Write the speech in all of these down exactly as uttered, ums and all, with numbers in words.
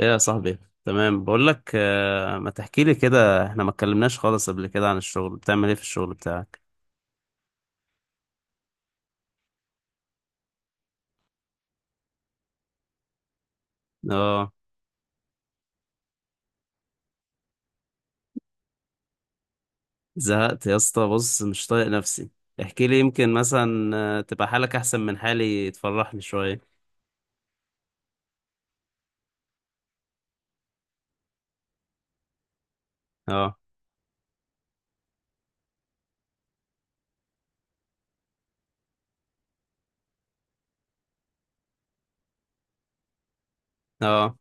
ايه يا صاحبي؟ تمام بقول لك، آه، ما تحكي لي كده. احنا ما اتكلمناش خالص قبل كده عن الشغل. بتعمل ايه في الشغل بتاعك؟ اه. زهقت يا اسطى، بص مش طايق نفسي. احكي لي يمكن مثلا، آه، تبقى حالك احسن من حالي، تفرحني شوية. اه، اه،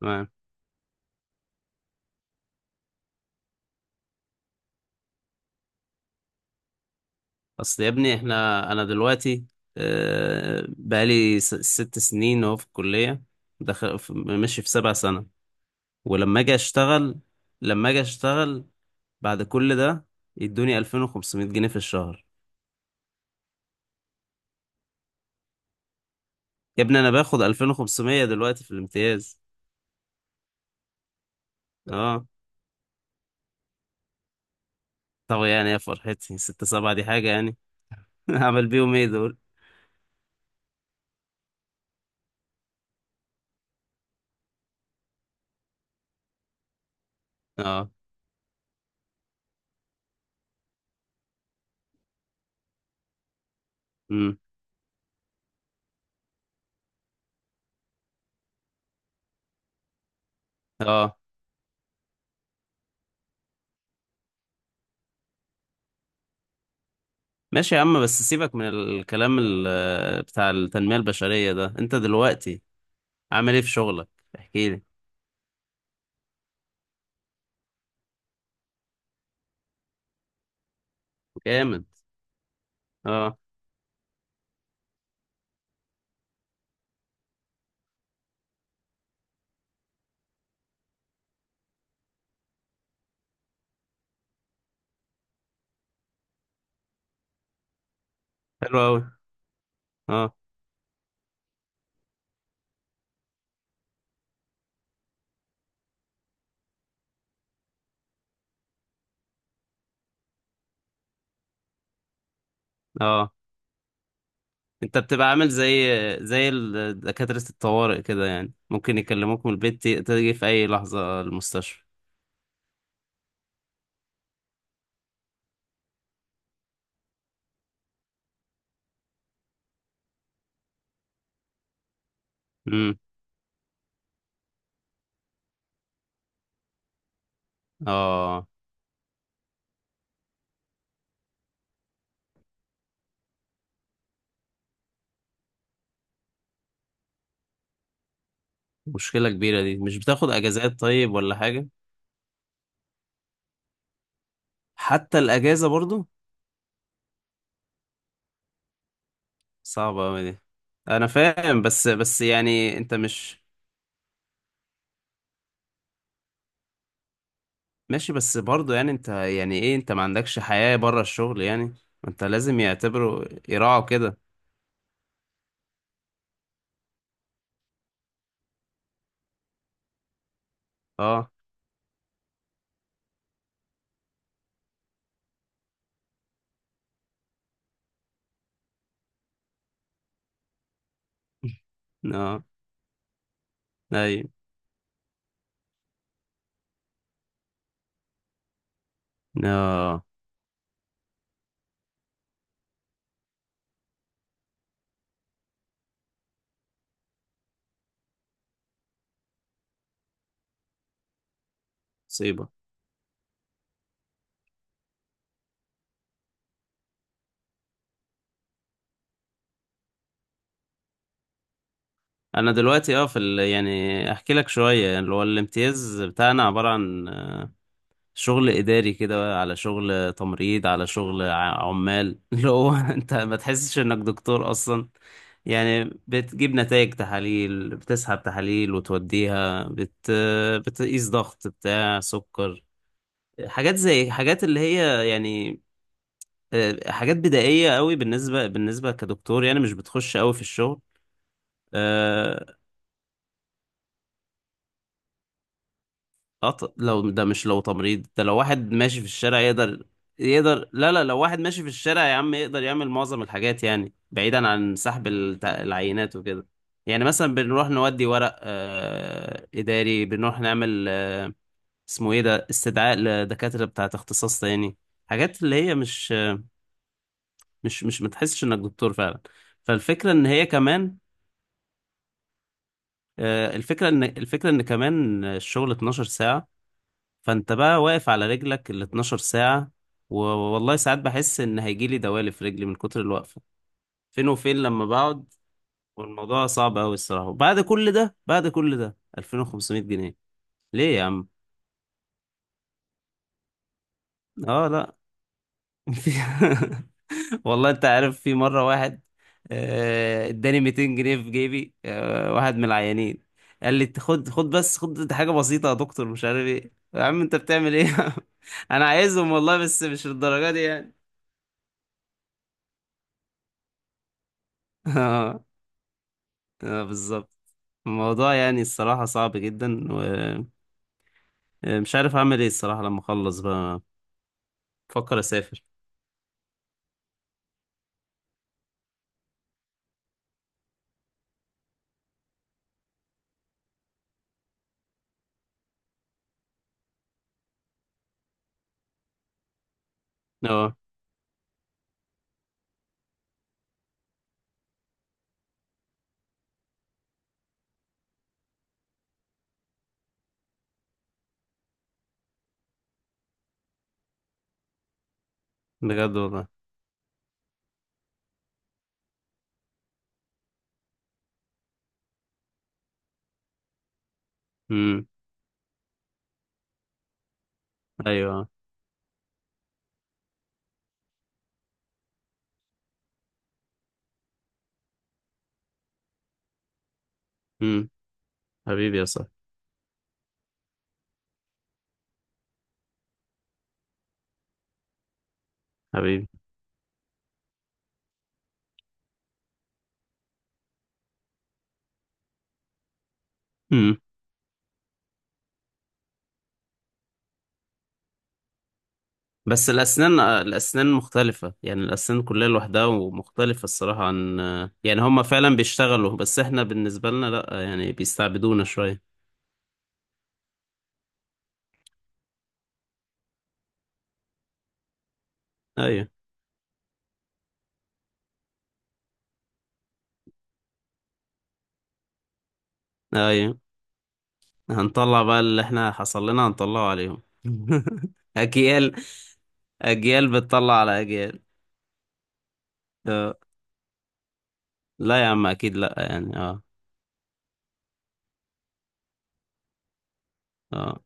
تمام. اصل يا ابني احنا انا دلوقتي، آه، بقالي س- ست سنين اهو في الكلية. دخل في- ماشي في سبع سنة. ولما اجي اشتغل، لما اجي اشتغل بعد كل ده، يدوني الفين وخمسمية جنيها في الشهر. يا ابني انا باخد الفين وخمسمية دلوقتي في الامتياز. اه. طب يعني يا فرحتي، ستة سبعة دي حاجة يعني؟ هعمل بيهم ايه دول؟ اه. امم. اه. ماشي يا عم، بس سيبك من الكلام، ال- بتاع التنمية البشرية ده. انت دلوقتي عامل ايه في شغلك؟ احكي لي. جامد. اه. حلو اوي. اه. اه. انت بتبقى عامل زي، زي ال- دكاترة الطوارئ كده، يعني ممكن يكلموك من البيت، ت- تيجي في اي لحظة المستشفى. امم. اه. مشكلة كبيرة دي، مش بتاخد اجازات طيب ولا حاجة؟ حتى الاجازة برضو؟ صعبة اوي دي. انا فاهم، بس بس يعني انت مش. ماشي بس برضو، يعني انت يعني ايه، انت ما عندكش حياة بره الشغل يعني؟ ما انت لازم يعتبروا، يراعوا كده. اه. اه. اي. اه. مصيبة. انا دلوقتي، اه في ال... يعني احكي لك شوية. يعني اللي هو الامتياز بتاعنا عبارة عن شغل إداري كده، على شغل تمريض، على شغل ع- عمال. اللي هو أنت ما تحسش إنك دكتور أصلا. يعني بتجيب نتائج تحاليل، بتسحب تحاليل وتوديها بت... بتقيس ضغط، بتاع سكر. حاجات زي حاجات اللي هي يعني. آه، حاجات بدائية قوي، بالنسبة بالنسبة كدكتور. يعني مش بتخش قوي في الشغل. آه، أط... لو ده مش، لو تمريض ده، لو واحد ماشي في الشارع يقدر. يقدر، لا لا، لو واحد ماشي في الشارع يا عم يقدر يعمل معظم الحاجات، يعني بعيدا عن سحب التع- العينات وكده. يعني مثلا بنروح نودي ورق آه... إداري. بنروح نعمل، آه، اسمه إيه ده، استدعاء لدكاترة بتاعة اختصاص تاني. حاجات اللي هي مش مش مش متحسش إنك دكتور فعلا. فالفكرة إن هي كمان. آه، الفكرة إن، الفكرة إن كمان الشغل 12 ساعة. فانت بقى واقف على رجلك ال اتناشر ساعة. و- والله ساعات بحس ان هيجيلي دوالي في رجلي من كتر الوقفة. فين وفين لما بقعد. والموضوع صعب قوي الصراحة، وبعد كل ده، بعد كل ده الفين وخمسمية جنيها. ليه يا عم؟ اه، لا. في- والله انت عارف، في مرة واحد آه، اداني ميتين جنيه في جيبي، آه، واحد من العيانين. قال لي خد خد بس خد، دي حاجة بسيطة يا دكتور. مش عارف ايه، يا عم انت بتعمل ايه؟ انا عايزهم والله بس مش للدرجة دي يعني. اه، بالظبط. الموضوع يعني الصراحة صعب جدا. ومش عارف أعمل إيه الصراحة لما أخلص بقى. بفكر أسافر. أه، بجد والله. أمم. أيوه. أمم. حبيبي يا صاحبي. حبيبي. أمم. بس الأسنان، الأسنان مختلفة، يعني الأسنان كلها لوحدها ومختلفة الصراحة عن. يعني هما فعلا بيشتغلوا بس إحنا بالنسبة لنا لأ، يعني بيستعبدونا شوية. أيوه، أيوه. هنطلع بقى اللي احنا حصل لنا هنطلعه عليهم. اجيال. اجيال بتطلع على اجيال. اه، لا يا عم اكيد لا، يعني اه. اه،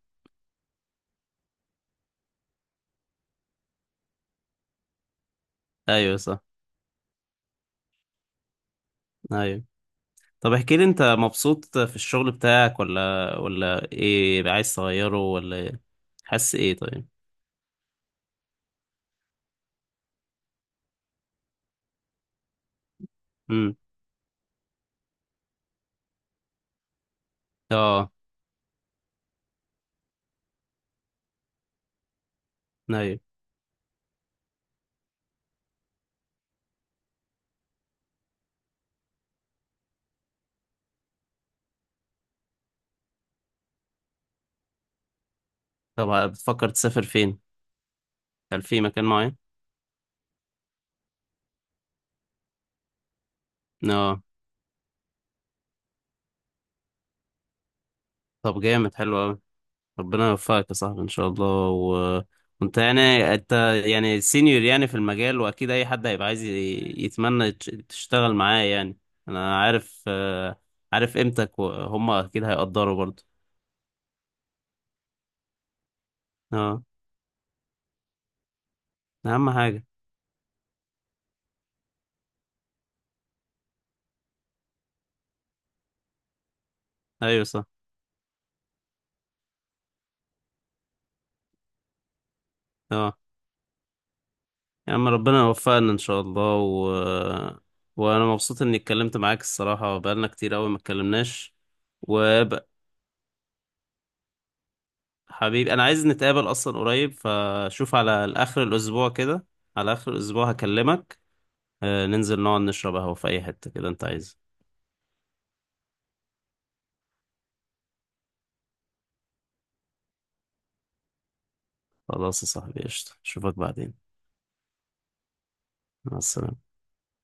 ايوه صح. ايوه. طب احكي لي، انت مبسوط في الشغل بتاعك ولا، ولا ايه، عايز تغيره ولا إيه؟ حاسس ايه طيب؟ امم. اه. ايوه. طب بتفكر تسافر فين؟ هل في مكان معين؟ اه. طب جامد، حلو أوي. ربنا يوفقك يا صاحبي ان شاء الله. و... وانت يعني، انت يعني سينيور يعني في المجال، واكيد اي حد هيبقى عايز، ي- يتمنى تش- تشتغل معاه يعني. انا عارف. آه، عارف قيمتك، وهم اكيد هيقدروا برضه. اه. اهم حاجة. ايوه صح. اه. يا عم ربنا يوفقنا ان شاء الله. و... وانا مبسوط اني اتكلمت معاك الصراحة، بقالنا كتير قوي ما اتكلمناش. و حبيبي انا عايز نتقابل اصلا قريب، فشوف على اخر الاسبوع كده. على اخر الاسبوع هكلمك. آه، ننزل نقعد نشرب قهوة في اي حتة كده انت عايز. خلاص يا صاحبي، قشطة، اشوفك بعدين. مع السلامة.